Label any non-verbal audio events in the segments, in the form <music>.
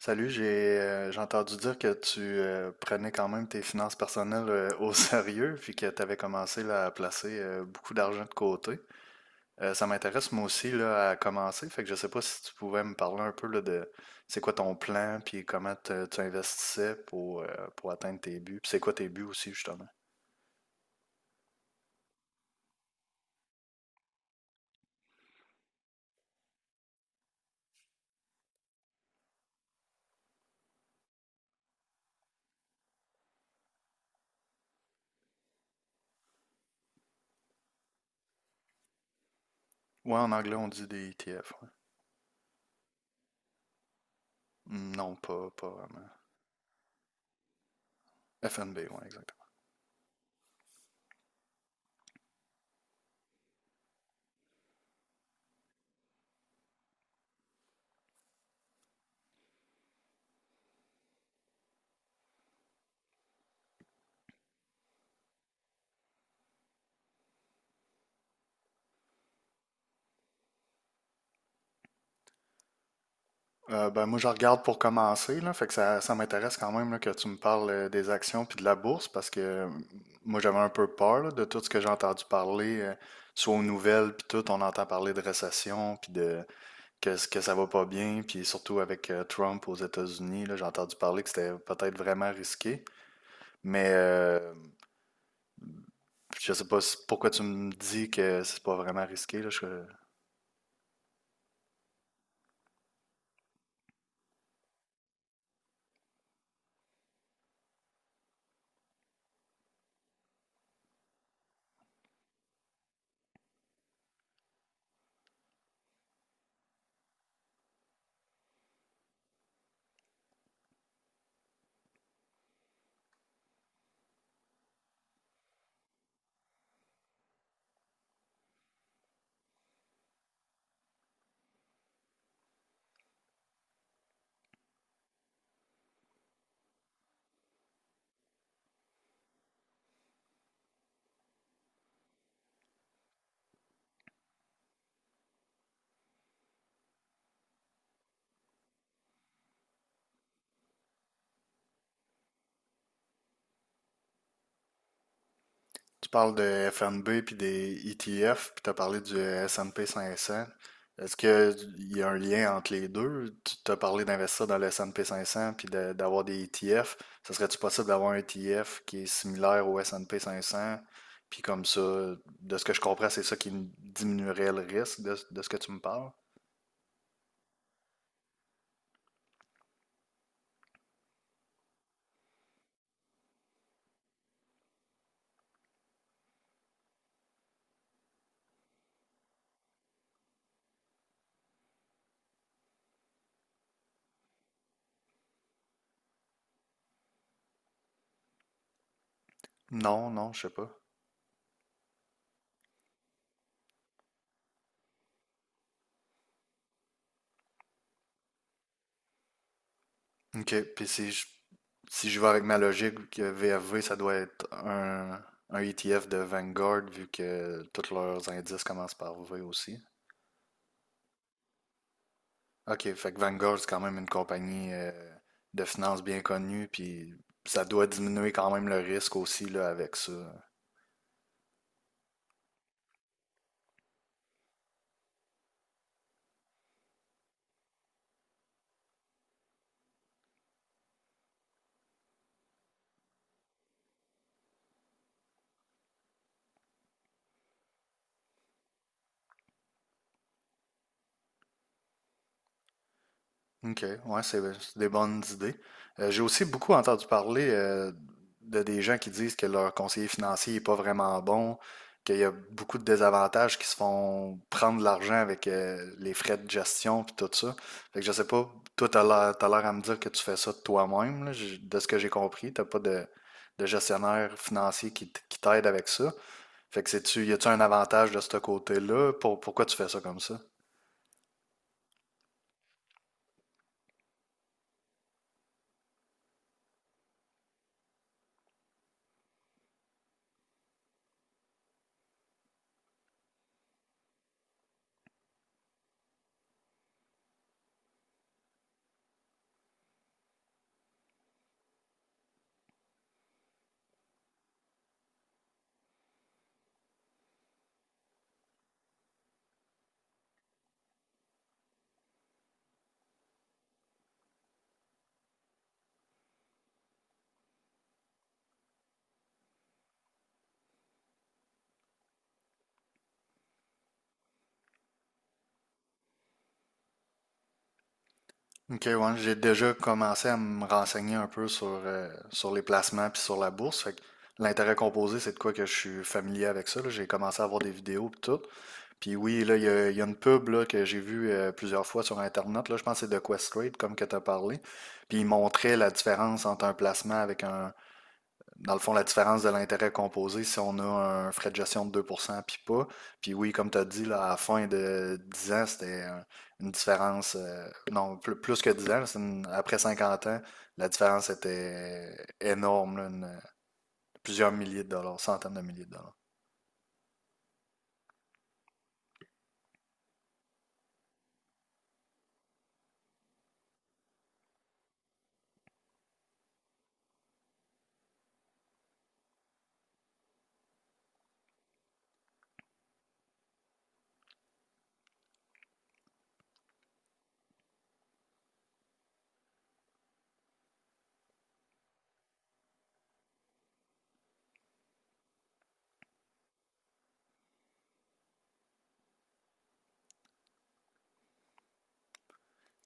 Salut, j'ai entendu dire que tu prenais quand même tes finances personnelles au <laughs> sérieux, puis que tu avais commencé là, à placer beaucoup d'argent de côté. Ça m'intéresse moi aussi là, à commencer, fait que je sais pas si tu pouvais me parler un peu là, de c'est quoi ton plan, puis comment tu investissais pour atteindre tes buts, puis c'est quoi tes buts aussi justement. Ouais, en anglais on dit des ETF. Ouais. Mm, non, pas vraiment. FNB, ouais, exact. Ben, moi, je regarde pour commencer, là, fait que ça m'intéresse quand même là, que tu me parles des actions puis de la bourse parce que moi, j'avais un peu peur là, de tout ce que j'ai entendu parler, soit aux nouvelles puis tout, on entend parler de récession puis ce que ça va pas bien puis surtout avec Trump aux États-Unis, là, j'ai entendu parler que c'était peut-être vraiment risqué, mais je sais pas pourquoi tu me dis que c'est pas vraiment risqué, là, je. Tu parles de FNB puis des ETF, puis tu as parlé du S&P 500. Est-ce qu'il y a un lien entre les deux? Tu t'as parlé d'investir dans le S&P 500 puis d'avoir des ETF. Ça serait-tu possible d'avoir un ETF qui est similaire au S&P 500? Puis comme ça, de ce que je comprends, c'est ça qui diminuerait le risque de ce que tu me parles? Non, non, je sais pas. OK. Puis si je vais avec ma logique, que VFV, ça doit être un ETF de Vanguard, vu que tous leurs indices commencent par V aussi. OK, fait que Vanguard, c'est quand même une compagnie de finances bien connue, puis ça doit diminuer quand même le risque aussi là, avec ça. OK, ouais, c'est des bonnes idées. J'ai aussi beaucoup entendu parler de des gens qui disent que leur conseiller financier n'est pas vraiment bon, qu'il y a beaucoup de désavantages qui se font prendre de l'argent avec les frais de gestion puis tout ça. Fait que je sais pas, toi, t'as l'air à me dire que tu fais ça de toi-même, là. De ce que j'ai compris, t'as pas de gestionnaire financier qui t'aide avec ça. Fait que c'est-tu, y a-tu un avantage de ce côté-là? Pour, pourquoi tu fais ça comme ça? Ok, ouais, j'ai déjà commencé à me renseigner un peu sur les placements puis sur la bourse. Fait que l'intérêt composé, c'est de quoi que je suis familier avec ça. Là. J'ai commencé à voir des vidéos puis tout. Puis oui, là, il y a une pub là, que j'ai vue plusieurs fois sur Internet. Là, je pense que c'est de Questrade, comme que tu as parlé. Puis il montrait la différence entre un placement avec un, dans le fond, la différence de l'intérêt composé, si on a un frais de gestion de 2 puis pas. Puis oui, comme tu as dit, là, à la fin de 10 ans, c'était une différence, non, plus que 10 ans, là, c'est après 50 ans, la différence était énorme, là, plusieurs milliers de dollars, centaines de milliers de dollars.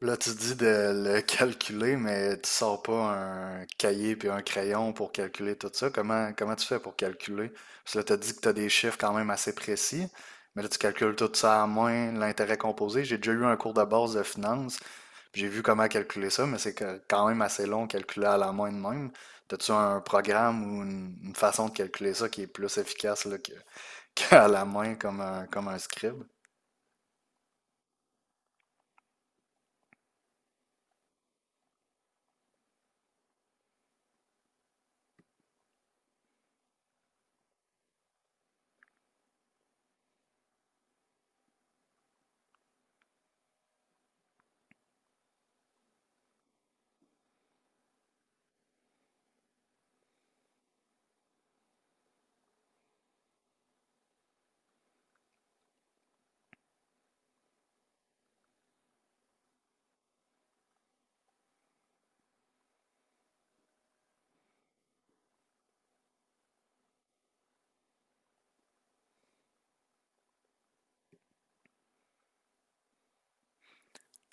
Là, tu dis de le <laughs> calculer, mais tu sors pas un cahier puis un crayon pour calculer tout ça. Comment, comment tu fais pour calculer? Parce que là, tu as dit que tu as des chiffres quand même assez précis, mais là, tu calcules tout ça à moins l'intérêt composé. J'ai déjà eu un cours de base de finance, puis j'ai vu comment calculer ça, mais quand même assez long calculer à la main de même. As-tu un programme ou une façon de calculer ça qui est plus efficace là, que, <laughs> qu'à la main comme un scribe?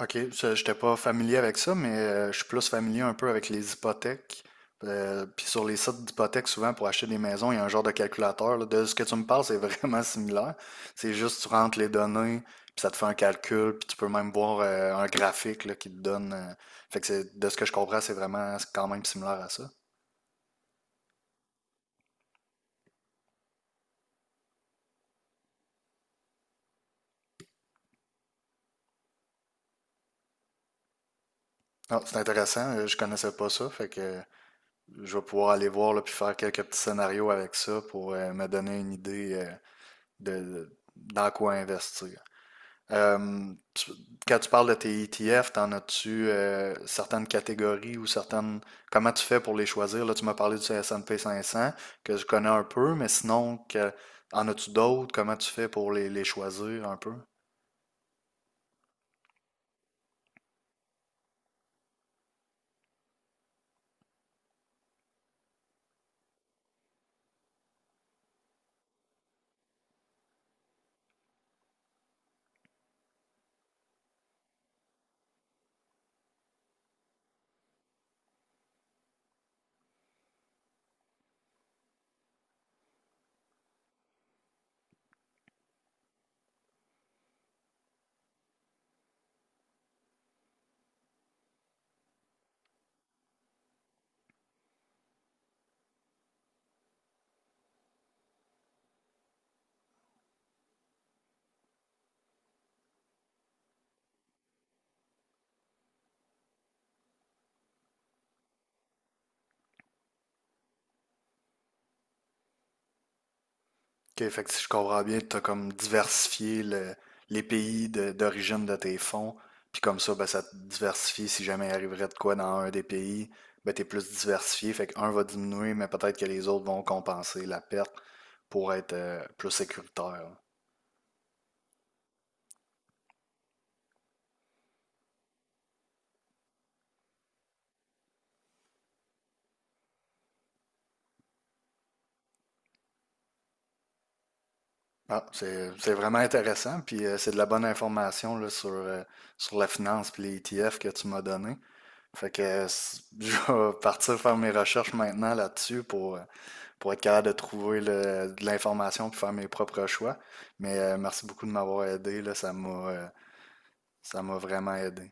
OK, je n'étais pas familier avec ça, mais je suis plus familier un peu avec les hypothèques. Puis sur les sites d'hypothèques, souvent pour acheter des maisons, il y a un genre de calculateur. Là. De ce que tu me parles, c'est <laughs> vraiment similaire. C'est juste tu rentres les données, puis ça te fait un calcul, puis tu peux même voir un graphique là, qui te donne. Fait que de ce que je comprends, c'est quand même similaire à ça. Ah, c'est intéressant, je connaissais pas ça, fait que je vais pouvoir aller voir là, puis faire quelques petits scénarios avec ça pour me donner une idée de dans quoi investir. Euh, tu- quand tu parles de tes ETF, t'en as-tu certaines catégories ou certaines... Comment tu fais pour les choisir? Là, tu m'as parlé du S&P 500, que je connais un peu, mais sinon, que, en as-tu d'autres? Comment tu fais pour les choisir un peu? OK, fait que si je comprends bien, tu as comme diversifié les pays d'origine de tes fonds, puis comme ça, ben, ça te diversifie. Si jamais il arriverait de quoi dans un des pays, ben, tu es plus diversifié. Fait qu'un va diminuer, mais peut-être que les autres vont compenser la perte pour être plus sécuritaire. Ah, c'est vraiment intéressant, puis c'est de la bonne information là, sur la finance puis les ETF que tu m'as donné. Fait que <laughs> je vais partir faire mes recherches maintenant là-dessus pour être capable de trouver de l'information puis faire mes propres choix. Mais merci beaucoup de m'avoir aidé, là, ça m'a vraiment aidé.